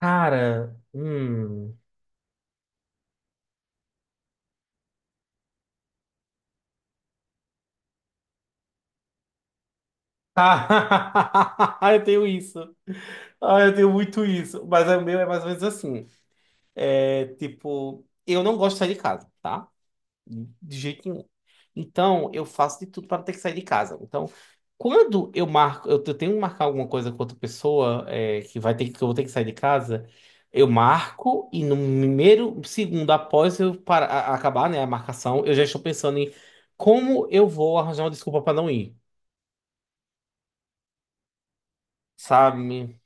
Cara. Tá. Eu tenho isso. Ah, eu tenho muito isso. Mas o meu é mais ou menos assim. É tipo, eu não gosto de sair de casa, tá? De jeito nenhum. Então, eu faço de tudo para não ter que sair de casa. Então, quando eu marco, eu tenho que marcar alguma coisa com outra pessoa, que vai ter que eu vou ter que sair de casa, eu marco e no primeiro segundo após acabar, né, a marcação, eu já estou pensando em como eu vou arranjar uma desculpa para não ir. Sabe?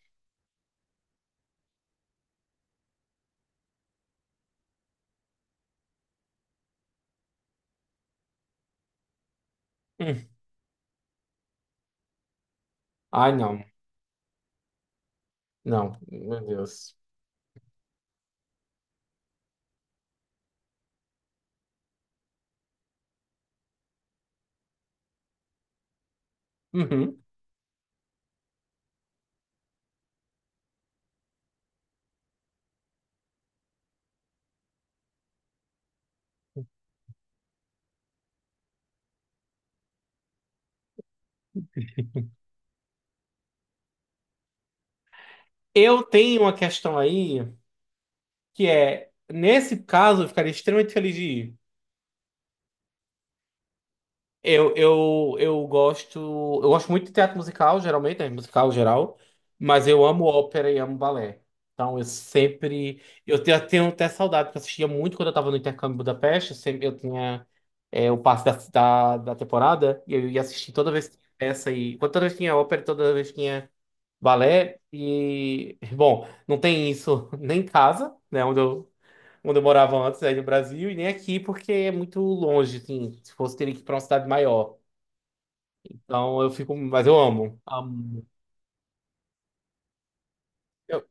Hum. Ai, não, não, meu Deus. Uhum. Eu tenho uma questão aí que é, nesse caso, eu ficaria extremamente feliz de ir. Eu gosto, eu gosto muito de teatro musical, geralmente, né, musical geral, mas eu amo ópera e amo balé. Então, eu sempre, tenho até saudade, porque eu assistia muito quando eu estava no intercâmbio em Budapeste, eu sempre, eu tinha o passe da temporada, e eu ia assistir toda vez que tinha peça, e toda vez que tinha ópera, toda vez que tinha balé e, bom, não tem isso nem em casa, né, onde eu morava antes aí no Brasil, e nem aqui porque é muito longe, assim, se fosse teria que ir para uma cidade maior. Então eu fico, mas eu amo. Amo. Eu-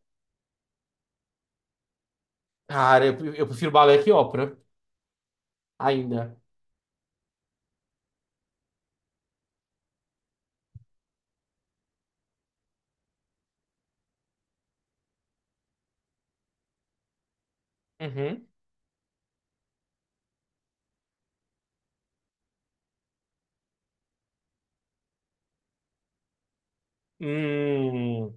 cara, eu prefiro balé que ópera ainda. Uhum. Hum,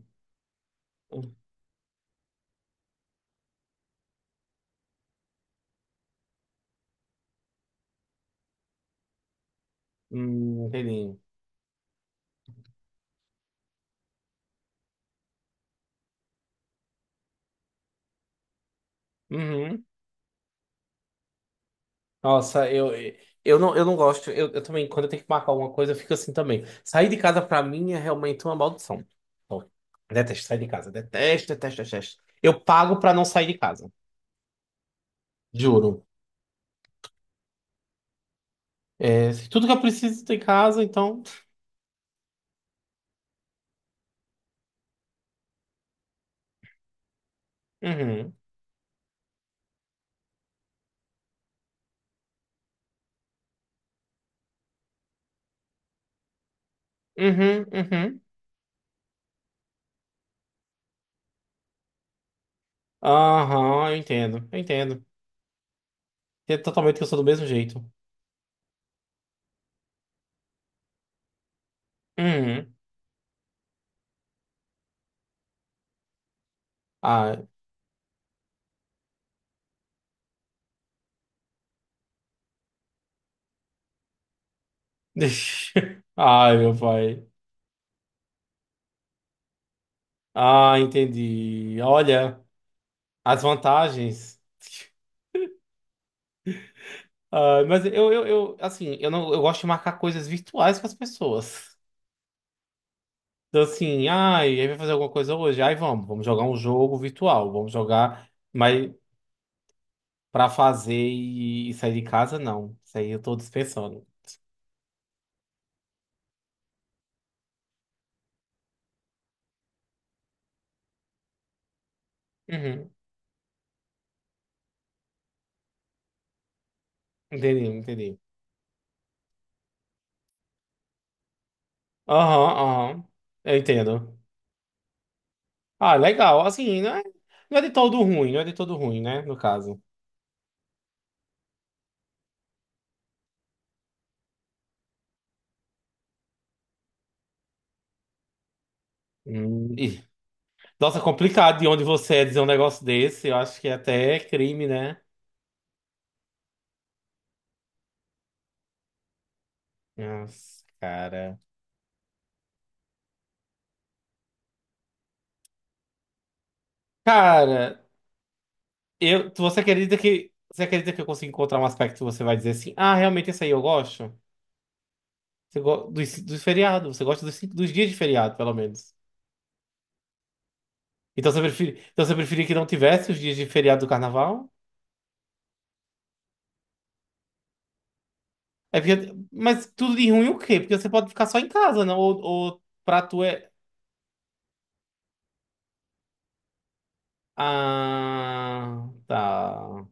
entendi. Uhum. Nossa, eu não gosto. Eu também, quando eu tenho que marcar alguma coisa, eu fico assim também. Sair de casa pra mim é realmente uma maldição. Eu detesto sair de casa. Detesto, detesto, detesto. Eu pago pra não sair de casa. Juro. É, tudo que eu preciso tem em casa, então. Uhum. Uhum, uhum. Aham, eu entendo. Eu entendo. É totalmente que eu sou do mesmo jeito. Uhum. Ai. Ai, meu pai. Ah, entendi. Olha, as vantagens. Ah, mas assim, eu não, eu gosto de marcar coisas virtuais com as pessoas. Então, assim, ai, aí vai fazer alguma coisa hoje? Ai, vamos jogar um jogo virtual, vamos jogar, mas pra fazer e sair de casa, não. Isso aí eu tô dispensando. Uhum, entendi, entendi. Aham, aham, eu entendo. Ah, legal, assim, não é, não é de todo ruim, não é de todo ruim, né, no caso. Ih, nossa, complicado de onde você é dizer um negócio desse, eu acho que é até crime, né? Nossa, cara. Cara, você acredita que eu consigo encontrar um aspecto que você vai dizer assim, ah, realmente esse aí eu gosto? Você go dos, dos feriados, você gosta dos, dos dias de feriado, pelo menos. Então você prefere, então você preferia que não tivesse os dias de feriado do carnaval? É porque, mas tudo de ruim o quê? Porque você pode ficar só em casa, não? Ou pra tu é. Ah, tá.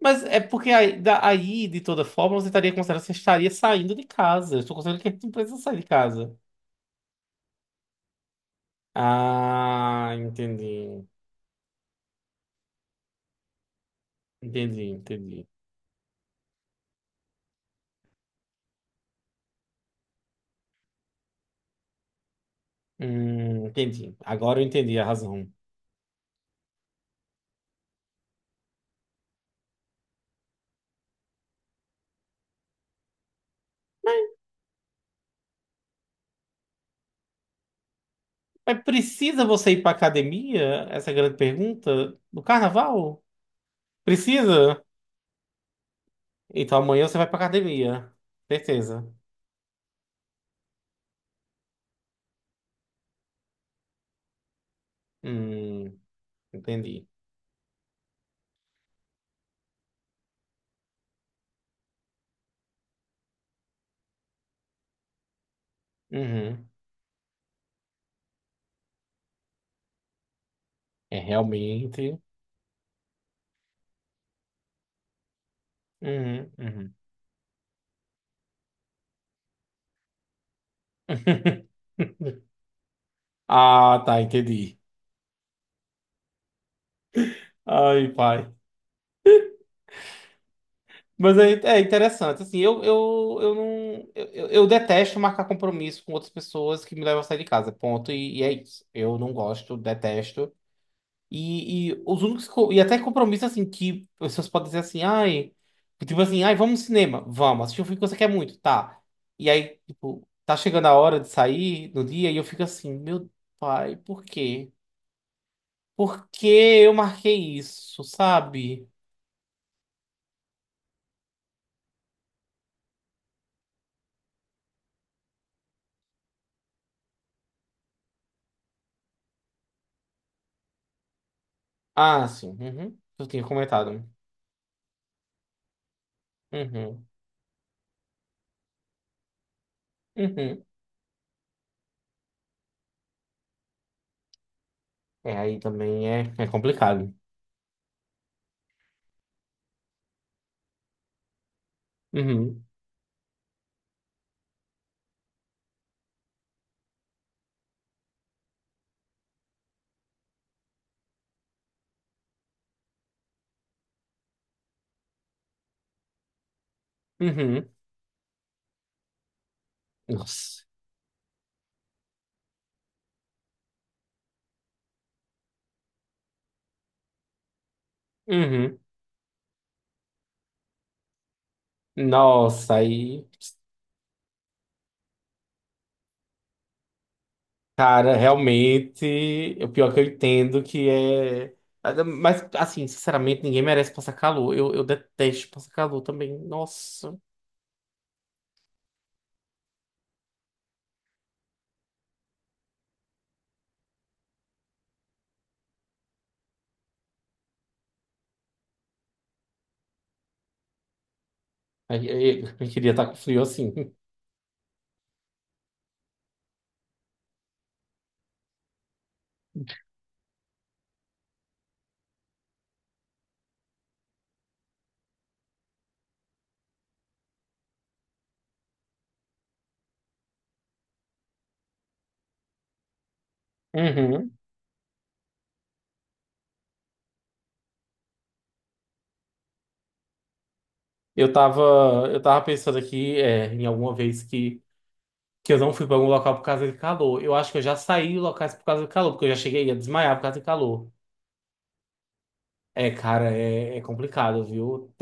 Mas é porque aí, aí, de toda forma, você estaria considerando que você estaria saindo de casa. Eu estou considerando que a gente não precisa sair de casa. Ah, entendi. Entendi, entendi. Entendi. Agora eu entendi a razão. Mas precisa você ir pra academia? Essa é a grande pergunta. No carnaval? Precisa? Então amanhã você vai pra academia. Certeza. Hum, entendi. Uhum. É realmente. Uhum, uhum. Ah, tá, entendi. Ai, pai. Mas é, é interessante, assim, eu não... Eu eu detesto marcar compromisso com outras pessoas que me levam a sair de casa, ponto, e é isso. Eu não gosto, detesto. E os únicos... E até compromisso, assim, que pessoas podem dizer assim, ai... Tipo assim, ai, vamos no cinema. Vamos, assistir um filme que você quer muito, tá. E aí, tipo, tá chegando a hora de sair no dia e eu fico assim, meu pai, por quê? Por que eu marquei isso, sabe? Ah, sim, uhum. Eu tinha comentado. Uhum. Uhum. É, aí também é, é complicado. Uhum. Uhum. Nossa. Uhum. Nossa, aí, cara, realmente, o pior que eu entendo que é. Mas, assim, sinceramente, ninguém merece passar calor. Eu detesto passar calor também. Nossa. Aí, aí, eu queria estar com frio assim. Uhum. Eu tava, eu tava pensando aqui, em alguma vez que eu não fui pra algum local por causa de calor. Eu acho que eu já saí de locais por causa de calor, porque eu já cheguei a desmaiar por causa de calor. É, cara, é, é complicado, viu?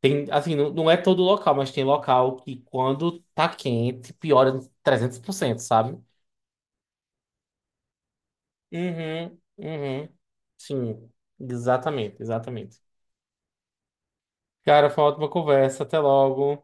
Tem, assim, não, não é todo local, mas tem local que quando tá quente, piora 300%, sabe? Uhum, uhum. Sim, exatamente, exatamente. Cara, foi uma ótima conversa. Até logo.